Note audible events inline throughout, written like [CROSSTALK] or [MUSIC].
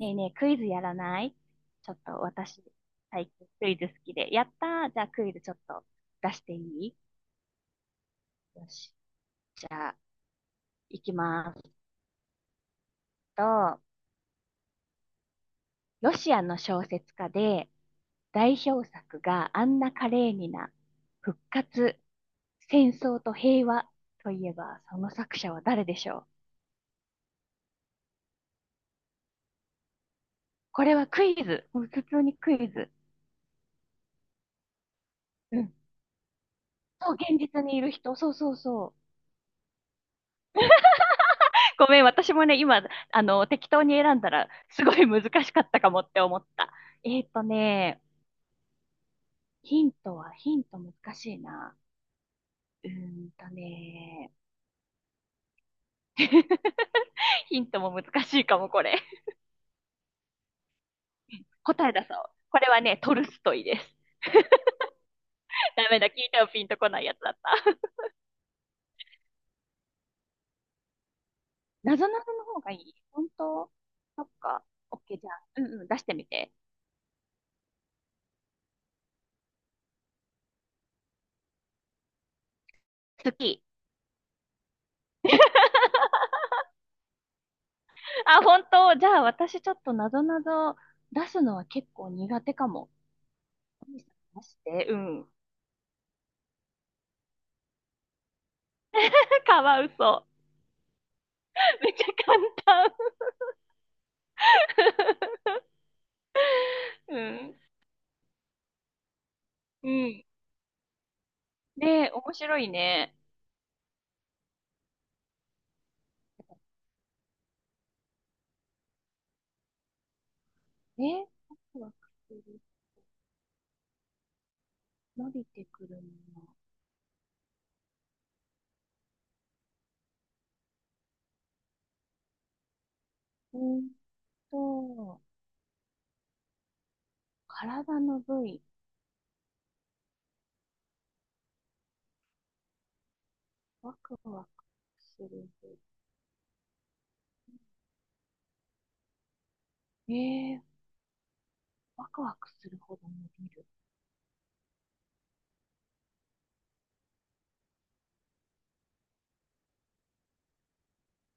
ねえねえ、クイズやらない？ちょっと私、最近クイズ好きで。やったー、じゃあクイズちょっと出していい？よし。じゃあ、いきますと、ロシアの小説家で、代表作がアンナ・カレーニナ、復活、戦争と平和といえば、その作者は誰でしょう？これはクイズ。もう普通にクイズ。うん。そう、現実にいる人。そうそうそう。ごめん、私もね、今、適当に選んだら、すごい難しかったかもって思った。えっとね、ヒントは、ヒント難しいな。うーんとね、[LAUGHS] ヒントも難しいかも、これ。答え出そう。これはね、トルストイです。[LAUGHS] ダメだ、聞いてもピンとこないやつだった。[LAUGHS] なぞなぞの方がいい、本当？そっか。オッケー、じゃあ、うんうん、出してみて。好き。[LAUGHS] あ、本当？じゃあ、私ちょっとなぞなぞ出すのは結構苦手かも。まして、うん。[LAUGHS] カワウソ。めっちゃ簡単。うん。うん。ね、面白いね。ね、ワクワクする、伸びてくるもの。うんと、体の部位、ワクワクする部位。えー、ワクワクするほど伸びる。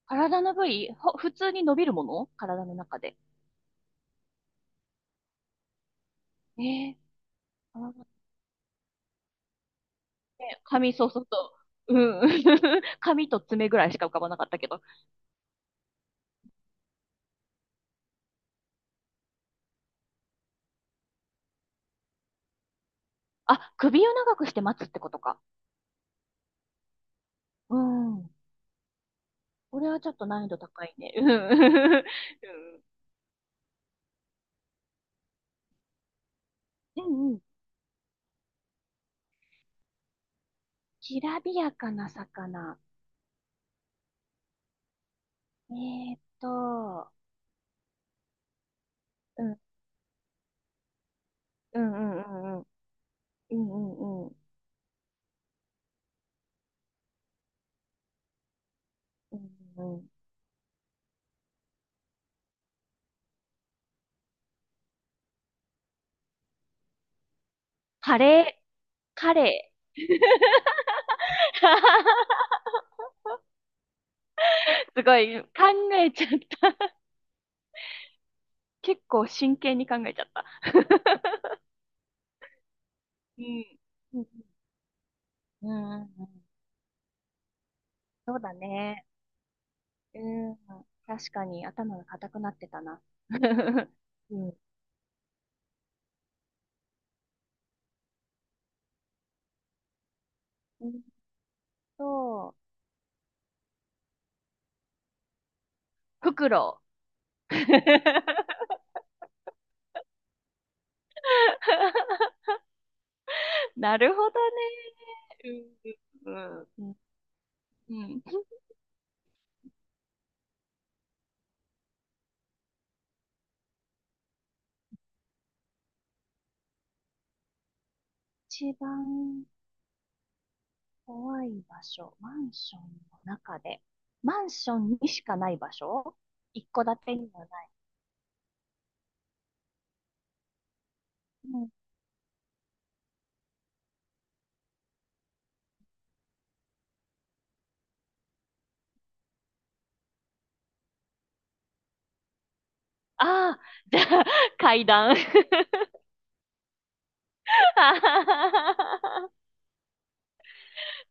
体の部位、ほ普通に伸びるもの体の中で。えー、体って、髪、そうそうそう。うん。[LAUGHS] 髪と爪ぐらいしか浮かばなかったけど。あ、首を長くして待つってことか。うん。これはちょっと難易度高いね。うん。うん。うんうん。きらびやかな魚。えーっと、うん、うん、うん、うん、うん、うん、うん、うん、うん。カレー、カレー。[LAUGHS] すごい、考えちゃった。結構真剣に考えちゃった。うん。うん。うんうんうん。そうだね。うん。確かに頭が固くなってたな。[LAUGHS] うん。うん、そう。フクロウ。[LAUGHS] なるほどね。うんうん。うん。一番怖い場所、マンションの中で、マンションにしかない場所？一戸建てにはない。うん、ああ、じゃあ、階段。[LAUGHS]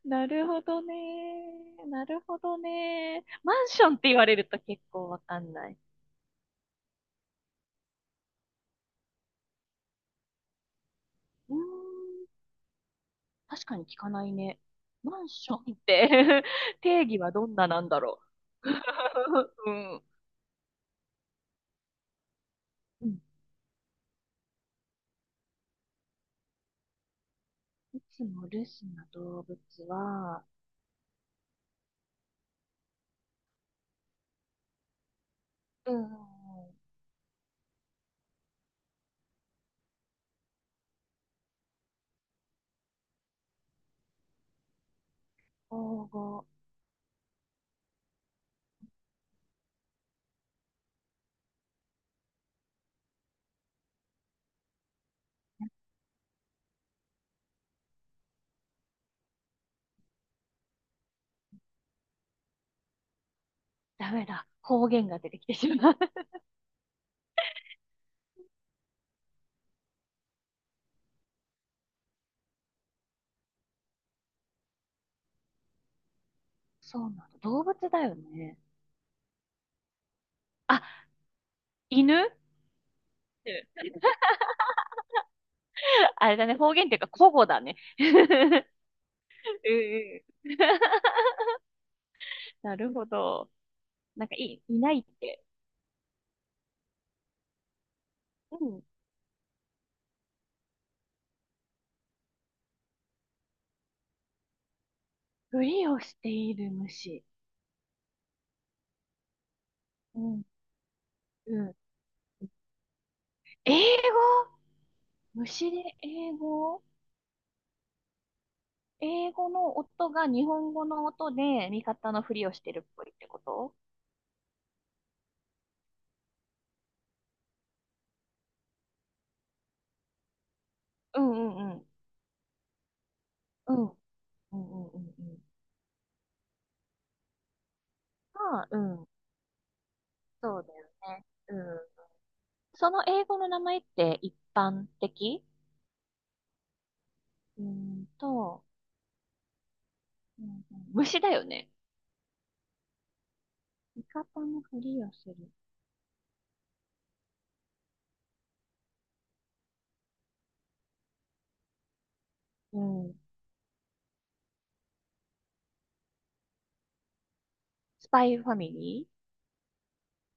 なるほどね。なるほどね。マンションって言われると結構わかんない。うーん、確かに聞かないね。マンションって [LAUGHS] 定義はどんななんだろう。[LAUGHS] うん。うん。いつも留守な動物は、うーん、保護、ダメだ。方言が出てきてしまう。[LAUGHS] そうなんだ。動物だよね。あ、犬。うん。 [LAUGHS] あれだね。方言っていうか、古語だね。[LAUGHS] うん。うん。 [LAUGHS] なるほど。なんかいい、いないって。うん。ふりをしている虫。うん。うん。英語。虫で英語？英語の音が日本語の音で味方のふりをしてるっぽいってこと？うんうんうん。うん。うんうんうんうん。まあ、うん。そうだよね。うん。その英語の名前って一般的？うーんと、うんうん、虫だよね。味方のふりをする。うん。スパイファミリ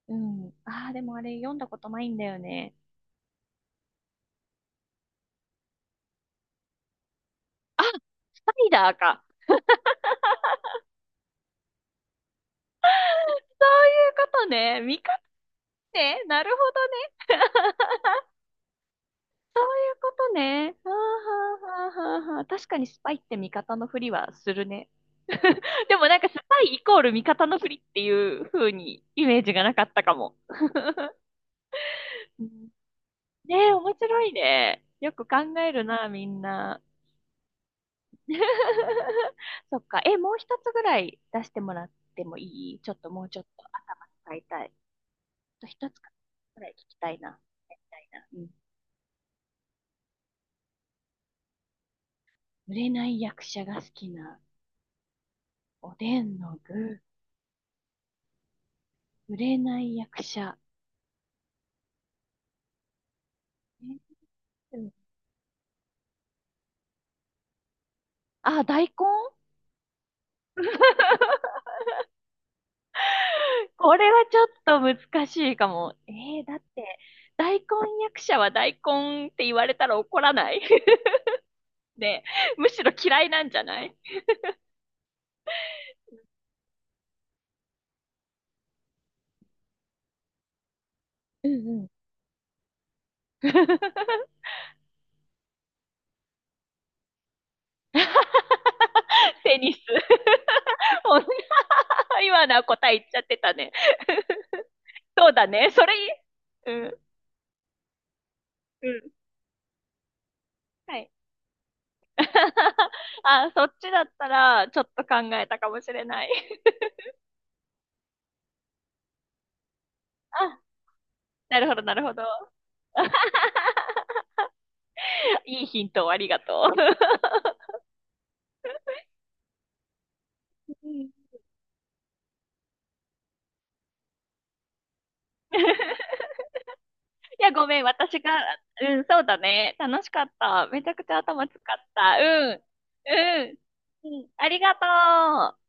ー。うん。ああ、でもあれ読んだことないんだよね。あ、スパイダーか。そういうことね。味方。ね、なるほどね。[LAUGHS] そういうことね。はあはあはあはあはあ。確かにスパイって味方のふりはするね。[LAUGHS] でもなんかスパイイコール味方のふりっていう風にイメージがなかったかも。うん。ねえ、面白いね。よく考えるな、みんな。[LAUGHS] そっか。え、もう一つぐらい出してもらってもいい？ちょっともうちょっと頭使いたい。あと一つぐらい聞きたいな、みたいな。うん。売れない役者が好きなおでんの具、売れない役者。え、うん、あ、大根。 [LAUGHS] これはちょっと難しいかも。えー、だって、大根役者は大根って言われたら怒らない？ [LAUGHS] ね、むしろ嫌いなんじゃない？うんうん。[LAUGHS] テニス。[LAUGHS] 女は今のは答え言っちゃってたね。[LAUGHS] そうだね。それいい、うん、うん。はい。[LAUGHS] あ、そっちだったら、ちょっと考えたかもしれない。[LAUGHS] あ、なるほど、なるほど。[LAUGHS] いいヒントをありがとう。うん。 [LAUGHS]。いや、ごめん、私が、うん、そうだね。楽しかった。めちゃくちゃ頭使った。うん、うん、うん、ありがとう。